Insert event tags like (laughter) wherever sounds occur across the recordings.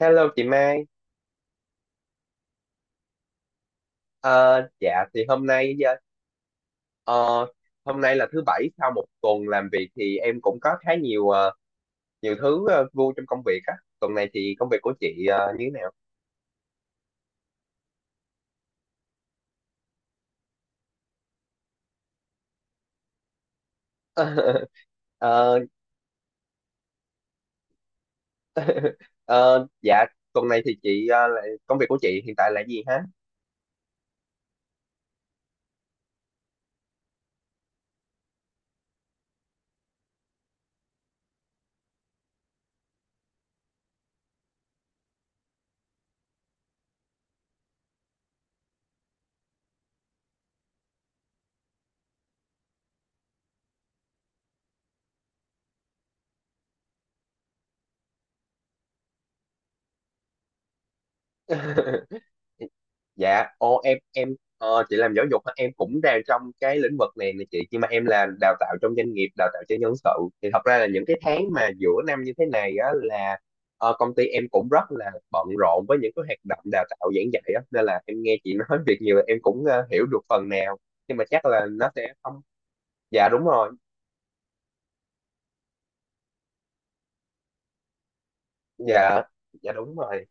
Hello chị Mai. Ờ, dạ thì hôm nay ờ, hôm nay là thứ bảy sau một tuần làm việc thì em cũng có khá nhiều thứ vui trong công việc á. Tuần này thì công việc của chị như thế nào? (laughs) Ờ, ờ, dạ, tuần này thì chị công việc của chị hiện tại là gì? Dạ, ô, em chị làm giáo dục hả? Em cũng đang trong cái lĩnh vực này nè chị, nhưng mà em làm đào tạo trong doanh nghiệp, đào tạo cho nhân sự. Thì thật ra là những cái tháng mà giữa năm như thế này á là công ty em cũng rất là bận rộn với những cái hoạt động đào tạo giảng dạy á, nên là em nghe chị nói (laughs) việc nhiều em cũng hiểu được phần nào. Nhưng mà chắc là nó sẽ không. Dạ đúng rồi. Dạ. Dạ đúng rồi.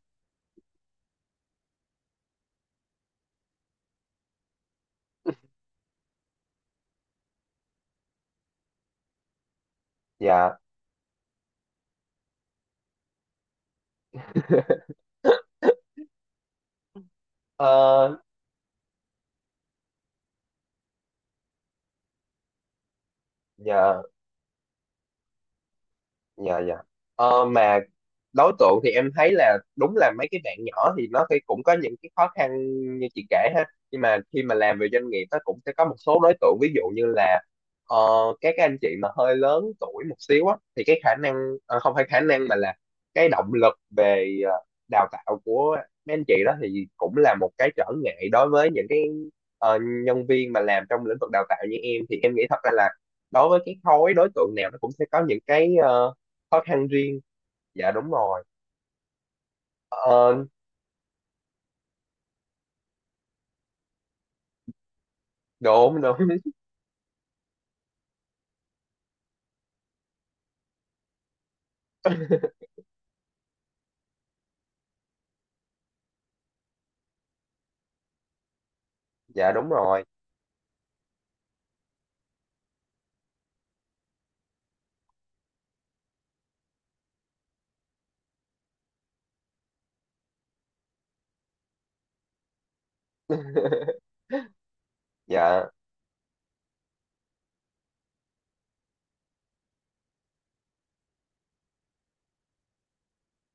Dạ. Ờ. Dạ. Dạ. Dạ. Mà đối tượng thì em thấy là đúng là mấy cái bạn nhỏ thì nó thì cũng có những cái khó khăn như chị kể ha. Nhưng mà khi mà làm về doanh nghiệp, nó cũng sẽ có một số đối tượng, ví dụ như là ờ, các cái anh chị mà hơi lớn tuổi một xíu á thì cái khả năng, không phải khả năng mà là cái động lực về đào tạo của mấy anh chị đó thì cũng là một cái trở ngại đối với những cái ờ, nhân viên mà làm trong lĩnh vực đào tạo như em. Thì em nghĩ thật ra là đối với cái khối đối tượng nào nó cũng sẽ có những cái khó khăn riêng. Dạ đúng rồi. Ờ, Đúng đúng. (laughs) Dạ đúng rồi. (laughs) Dạ.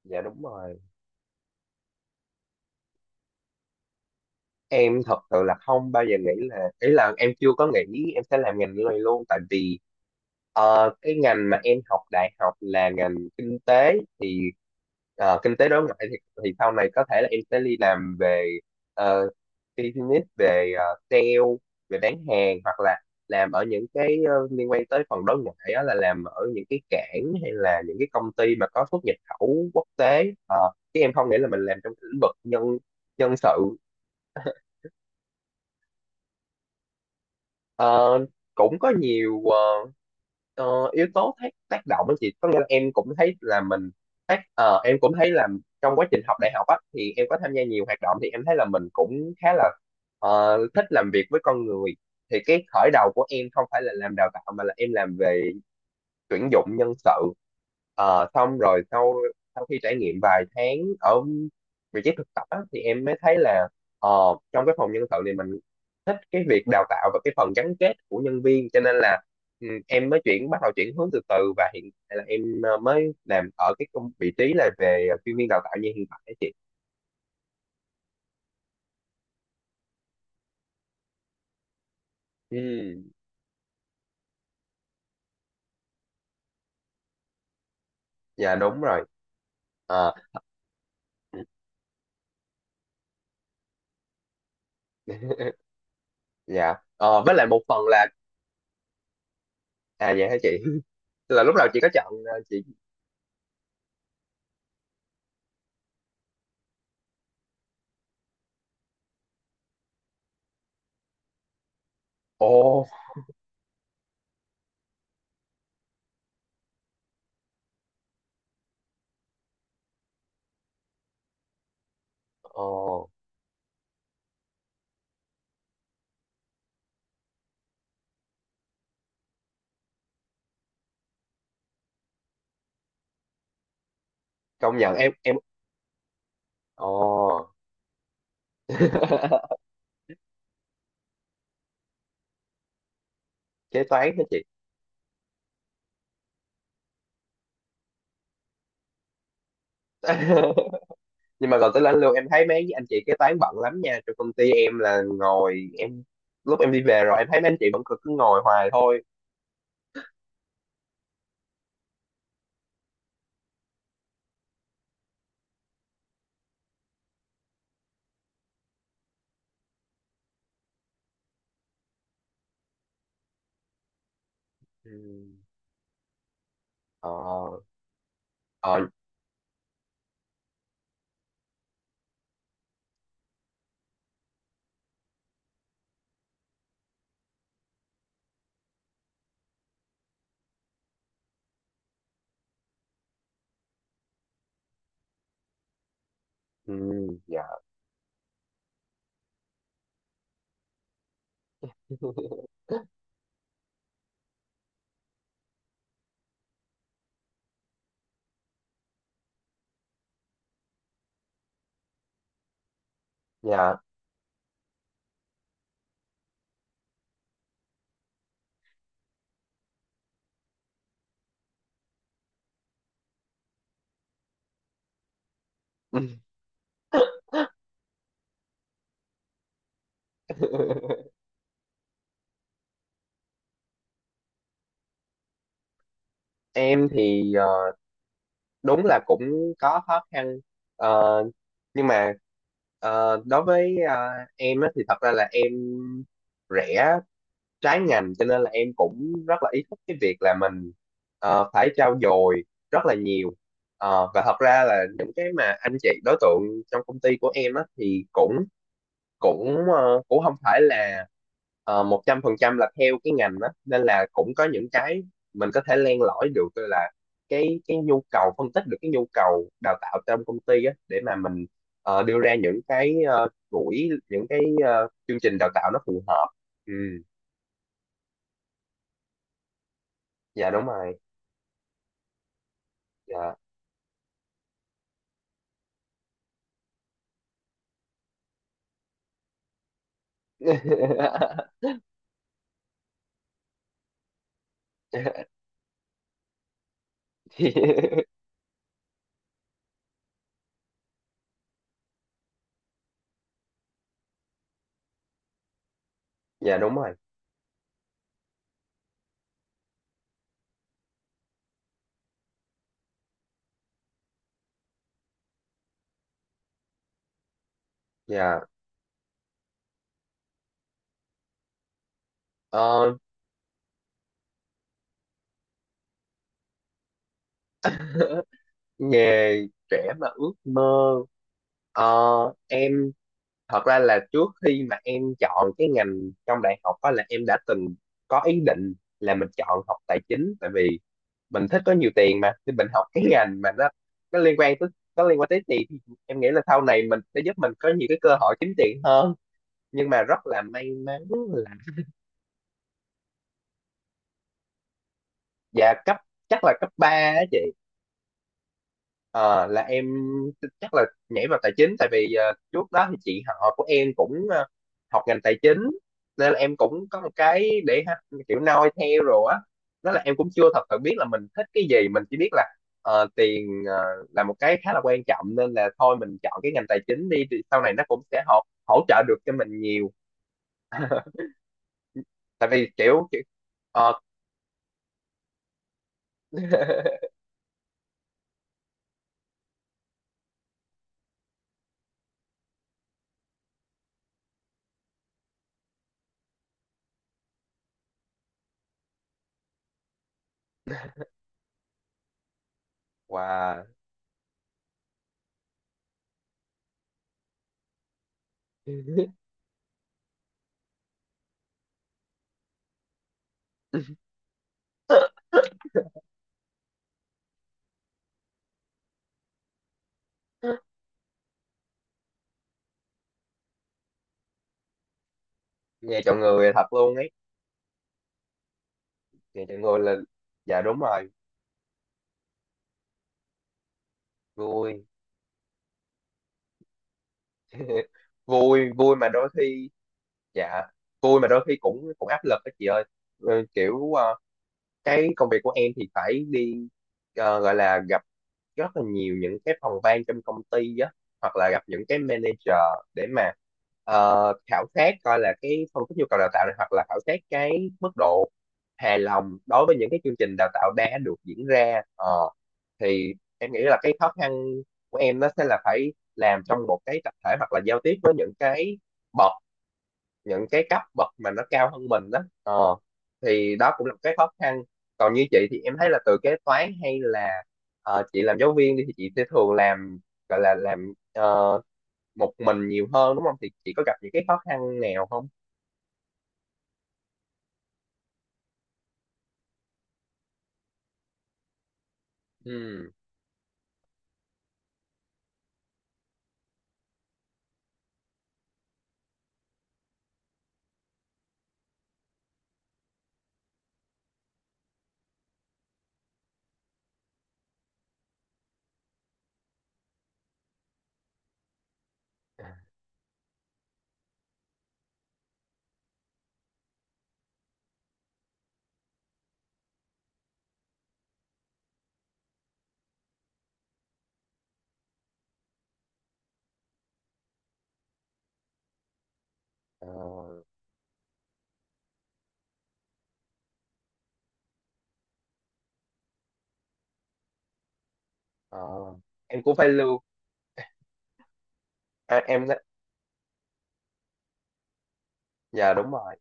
Dạ đúng rồi. Em thật sự là không bao giờ nghĩ là, ý là em chưa có nghĩ em sẽ làm ngành này luôn, tại vì cái ngành mà em học đại học là ngành kinh tế, thì kinh tế đối ngoại thì sau này có thể là em sẽ đi làm về uh, business, về sale, về bán hàng, hoặc là làm ở những cái liên quan tới phần đối ngoại, đó là làm ở những cái cảng hay là những cái công ty mà có xuất nhập khẩu quốc tế. Ờ, Chứ em không nghĩ là mình làm trong cái lĩnh vực nhân nhân sự. Ờ, Cũng có nhiều yếu tố tác tác động á chị. Có nghĩa là em cũng thấy là mình tác ờ, em cũng thấy là trong quá trình học đại học á thì em có tham gia nhiều hoạt động, thì em thấy là mình cũng khá là thích làm việc với con người. Thì cái khởi đầu của em không phải là làm đào tạo mà là em làm về tuyển dụng nhân sự. Xong rồi sau sau khi trải nghiệm vài tháng ở vị trí thực tập á, thì em mới thấy là ờ, trong cái phòng nhân sự này mình thích cái việc đào tạo và cái phần gắn kết của nhân viên, cho nên là em mới chuyển, bắt đầu chuyển hướng từ từ, và hiện tại là em mới làm ở cái vị trí là về chuyên viên đào tạo như hiện tại á chị. Ừ. Dạ đúng rồi. Ờ. Dạ. Ờ, với lại một phần là. À, dạ hả chị? (laughs) Là lúc đầu chị có chọn ờ, chị ồ. Ồ, công nhận em. Ồ. (laughs) Kế toán hả chị? (laughs) Nhưng mà còn tới lãnh lương em thấy mấy anh chị kế toán bận lắm nha. Trong công ty em là ngồi em lúc em đi về rồi em thấy mấy anh chị vẫn cứ cứ ngồi hoài thôi. Ừ. Ờ. Ờ. Ừ. Dạ. Dạ. (laughs) Em thì đúng là cũng có khó khăn. Ờ, nhưng mà đối với em á, thì thật ra là em rẻ trái ngành, cho nên là em cũng rất là ý thức cái việc là mình phải trau dồi rất là nhiều. Và thật ra là những cái mà anh chị đối tượng trong công ty của em á thì cũng cũng ờ, cũng không phải là 100% là theo cái ngành đó, nên là cũng có những cái mình có thể len lỏi được, tức là cái nhu cầu, phân tích được cái nhu cầu đào tạo trong công ty á để mà mình đưa ra những cái ờ, buổi những cái ờ, chương trình đào tạo nó phù hợp. Ừ. Dạ đúng rồi. Dạ. (laughs) Thì. Dạ đúng rồi. Dạ. Ờ, Nghề trẻ mà ước mơ. Em thật ra là trước khi mà em chọn cái ngành trong đại học đó, là em đã từng có ý định là mình chọn học tài chính, tại vì mình thích có nhiều tiền mà, thì mình học cái (laughs) ngành mà nó liên quan tới nó liên quan tới tiền, thì em nghĩ là sau này mình sẽ giúp mình có nhiều cái cơ hội kiếm tiền hơn. Nhưng mà rất là may mắn là. Dạ, chắc là cấp 3 á chị. Ờ, là em chắc là nhảy vào tài chính, tại vì trước đó thì chị họ của em cũng học ngành tài chính, nên là em cũng có một cái kiểu noi theo rồi á. Đó là em cũng chưa thật sự biết là mình thích cái gì, mình chỉ biết là tiền là một cái khá là quan trọng, nên là thôi mình chọn cái ngành tài chính đi thì sau này nó cũng sẽ hỗ trợ được cho mình nhiều. Tại vì kiểu, ờ, wow. (laughs) Nghe chọn người thật luôn ấy. Nghe chọn người là. Dạ đúng rồi. Vui. (laughs) vui vui mà đôi khi Dạ. Vui mà đôi khi cũng cũng áp lực đó chị ơi. Ừ, kiểu cái công việc của em thì phải đi, gọi là gặp rất là nhiều những cái phòng ban trong công ty á, hoặc là gặp những cái manager để mà khảo sát, coi là cái phân tích nhu cầu đào tạo này, hoặc là khảo sát cái mức độ hài lòng đối với những cái chương trình đào tạo đã được diễn ra. Ờ, thì em nghĩ là cái khó khăn của em nó sẽ là phải làm trong một cái tập thể, hoặc là giao tiếp với những cái bậc cấp bậc mà nó cao hơn mình đó, thì đó cũng là một cái khó khăn. Còn như chị thì em thấy là, từ kế toán hay là chị làm giáo viên đi, thì chị sẽ thường làm, gọi là làm một mình nhiều hơn, đúng không? Thì chị có gặp những cái khó khăn nào không? Ừ. Ờ, ờ, em cũng phải lưu à, em Dạ đúng rồi.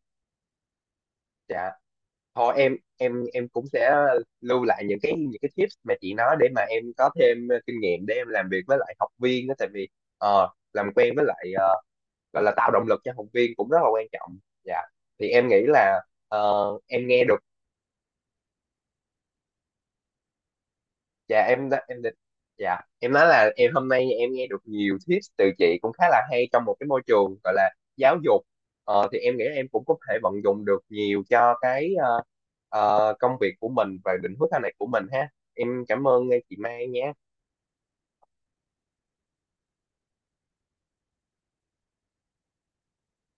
Dạ. Thôi, em cũng sẽ lưu lại những cái tips mà chị nói để mà em có thêm kinh nghiệm để em làm việc với lại học viên đó, tại vì ờ, làm quen với lại, gọi là tạo động lực cho học viên cũng rất là quan trọng. Dạ. Thì em nghĩ là em nghe được. Dạ. em đã em định Dạ. Em nói là em hôm nay em nghe được nhiều tips từ chị cũng khá là hay trong một cái môi trường gọi là giáo dục, thì em nghĩ em cũng có thể vận dụng được nhiều cho cái công việc của mình và định hướng sau này của mình ha. Em cảm ơn chị Mai nhé.